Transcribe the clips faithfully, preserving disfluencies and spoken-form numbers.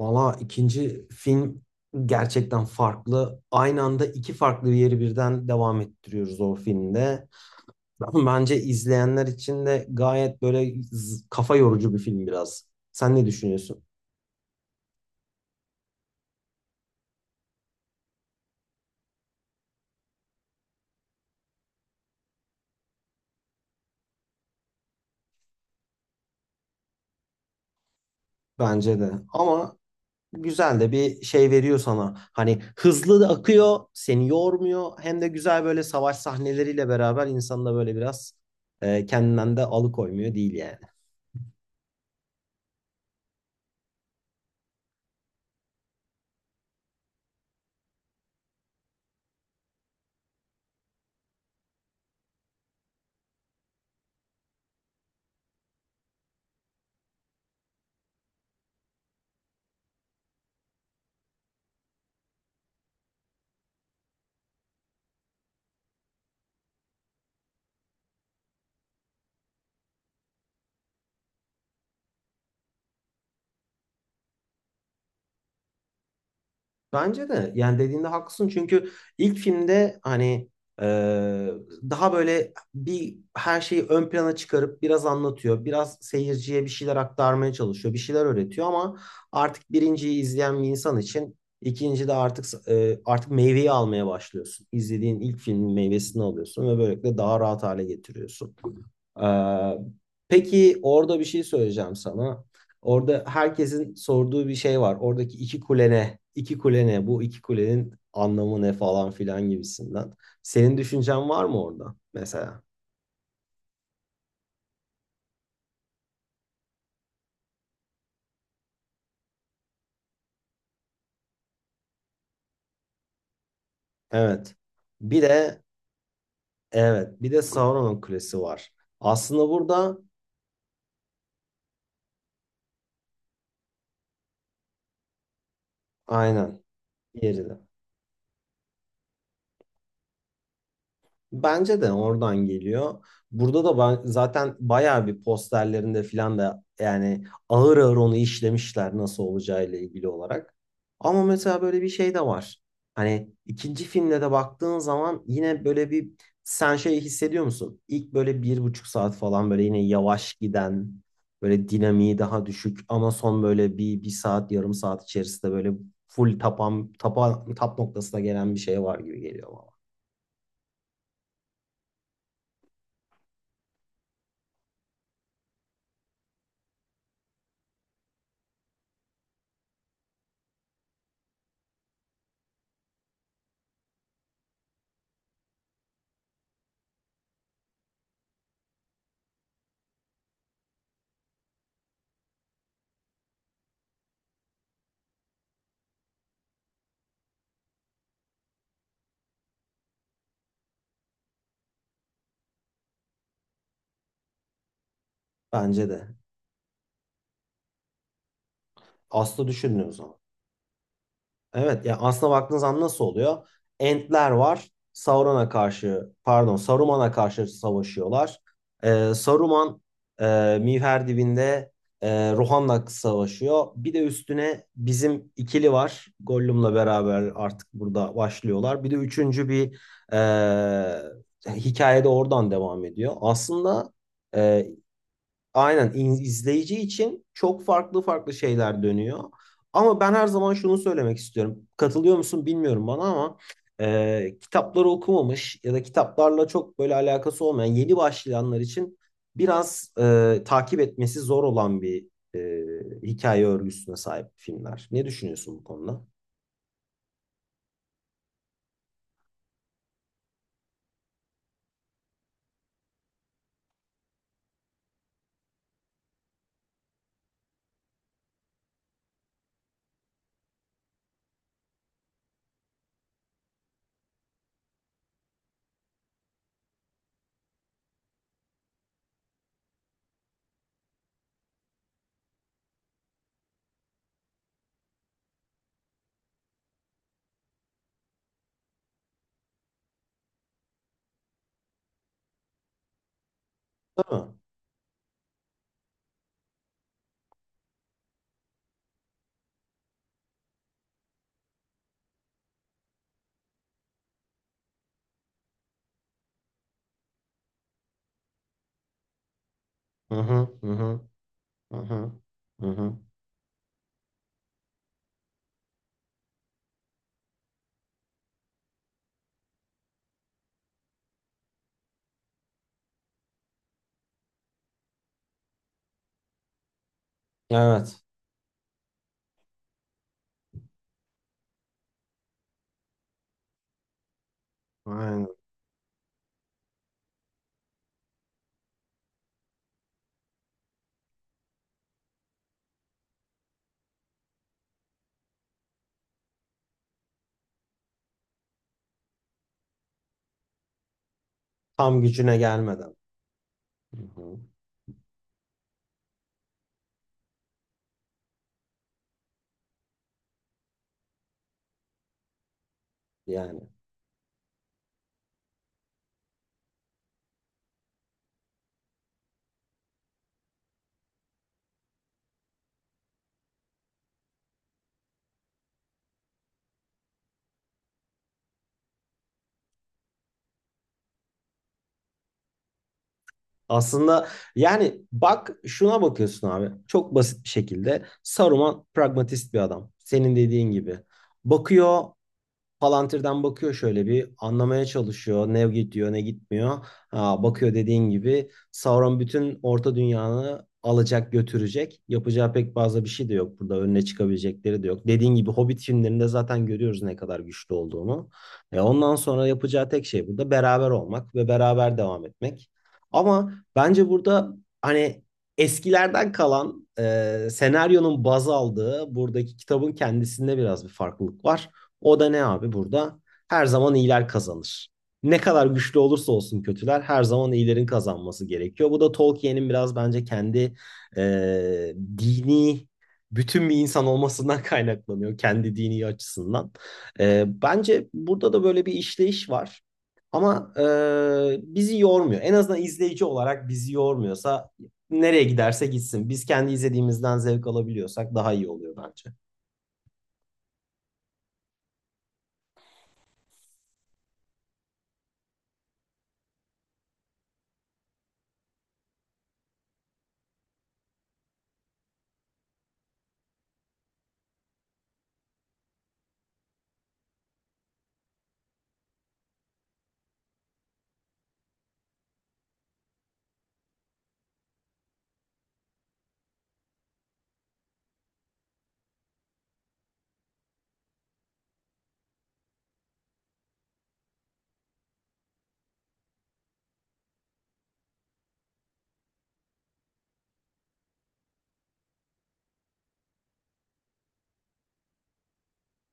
Valla ikinci film gerçekten farklı. Aynı anda iki farklı yeri birden devam ettiriyoruz o filmde. Ben- Bence izleyenler için de gayet böyle z- kafa yorucu bir film biraz. Sen ne düşünüyorsun? Bence de. Ama güzel de bir şey veriyor sana. Hani hızlı da akıyor, seni yormuyor. Hem de güzel böyle savaş sahneleriyle beraber insanı da böyle biraz e, kendinden de alıkoymuyor değil yani. Bence de yani dediğinde haklısın çünkü ilk filmde hani e, daha böyle bir her şeyi ön plana çıkarıp biraz anlatıyor. Biraz seyirciye bir şeyler aktarmaya çalışıyor. Bir şeyler öğretiyor ama artık birinciyi izleyen bir insan için ikinci de artık e, artık meyveyi almaya başlıyorsun. İzlediğin ilk filmin meyvesini alıyorsun ve böylelikle daha rahat hale getiriyorsun. Ee, peki orada bir şey söyleyeceğim sana. Orada herkesin sorduğu bir şey var. Oradaki iki kule ne? İki kule ne? Bu iki kulenin anlamı ne falan filan gibisinden. Senin düşüncen var mı orada mesela? Evet. Bir de evet, bir de Sauron'un kulesi var. Aslında burada aynen yerine. Bence de oradan geliyor. Burada da ba- zaten bayağı bir posterlerinde filan da yani ağır ağır onu işlemişler nasıl olacağıyla ilgili olarak. Ama mesela böyle bir şey de var. Hani ikinci filmde de baktığın zaman yine böyle bir sen şey hissediyor musun? İlk böyle bir buçuk saat falan böyle yine yavaş giden böyle dinamiği daha düşük ama son böyle bir, bir saat yarım saat içerisinde böyle full tapan, tapan, tap noktasına gelen bir şey var gibi geliyor bana. Bence de. Aslı düşündüğün zaman. Evet yani aslına baktığınız zaman nasıl oluyor? Entler var. Sauron'a karşı pardon Saruman'a karşı savaşıyorlar. Ee, Saruman e, Miğferdin'de e, Rohan'la savaşıyor. Bir de üstüne bizim ikili var. Gollum'la beraber artık burada başlıyorlar. Bir de üçüncü bir e, hikayede oradan devam ediyor. Aslında, e, Aynen in- izleyici için çok farklı farklı şeyler dönüyor. Ama ben her zaman şunu söylemek istiyorum. Katılıyor musun bilmiyorum bana ama e, kitapları okumamış ya da kitaplarla çok böyle alakası olmayan yeni başlayanlar için biraz e, takip etmesi zor olan bir e, hikaye örgüsüne sahip filmler. Ne düşünüyorsun bu konuda? Değil mi? Hı hı hı hı hı hı. Hı hı. Evet. Aynen. Tam gücüne gelmeden. Hı hı. Yani. Aslında yani bak şuna bakıyorsun abi. Çok basit bir şekilde Saruman pragmatist bir adam. Senin dediğin gibi. Bakıyor Palantir'den bakıyor şöyle bir anlamaya çalışıyor. Ne gidiyor ne gitmiyor. Ha, bakıyor dediğin gibi Sauron bütün orta dünyanı alacak götürecek. Yapacağı pek fazla bir şey de yok burada. Önüne çıkabilecekleri de yok. Dediğin gibi Hobbit filmlerinde zaten görüyoruz ne kadar güçlü olduğunu. E, ondan sonra yapacağı tek şey burada beraber olmak ve beraber devam etmek. Ama bence burada hani eskilerden kalan e, senaryonun baz aldığı buradaki kitabın kendisinde biraz bir farklılık var. O da ne abi burada? Her zaman iyiler kazanır. Ne kadar güçlü olursa olsun kötüler her zaman iyilerin kazanması gerekiyor. Bu da Tolkien'in biraz bence kendi e, dini bütün bir insan olmasından kaynaklanıyor. Kendi dini açısından. E, bence burada da böyle bir işleyiş var. Ama e, bizi yormuyor. En azından izleyici olarak bizi yormuyorsa nereye giderse gitsin. Biz kendi izlediğimizden zevk alabiliyorsak daha iyi oluyor bence.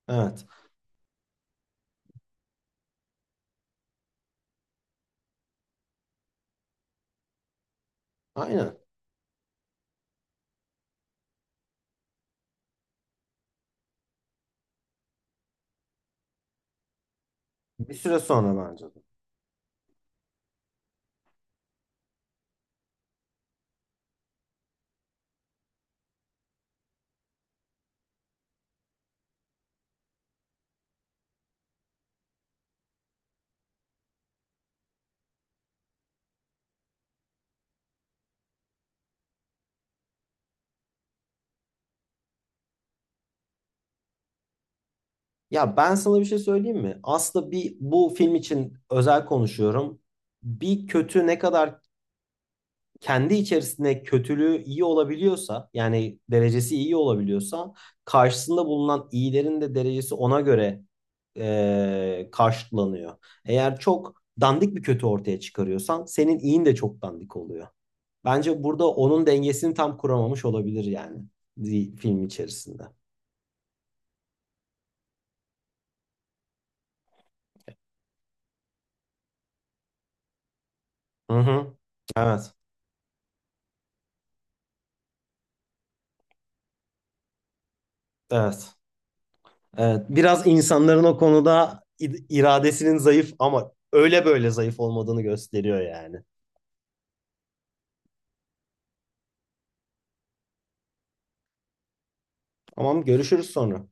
Evet. Aynen. Bir süre sonra bence de. Ya ben sana bir şey söyleyeyim mi? Aslında bir bu film için özel konuşuyorum. Bir kötü ne kadar kendi içerisinde kötülüğü iyi olabiliyorsa, yani derecesi iyi olabiliyorsa, karşısında bulunan iyilerin de derecesi ona göre eee, karşılanıyor. Eğer çok dandik bir kötü ortaya çıkarıyorsan, senin iyin de çok dandik oluyor. Bence burada onun dengesini tam kuramamış olabilir yani di- film içerisinde. Hı hı. Evet. Evet. Evet, biraz insanların o konuda id- iradesinin zayıf ama öyle böyle zayıf olmadığını gösteriyor yani. Tamam, görüşürüz sonra.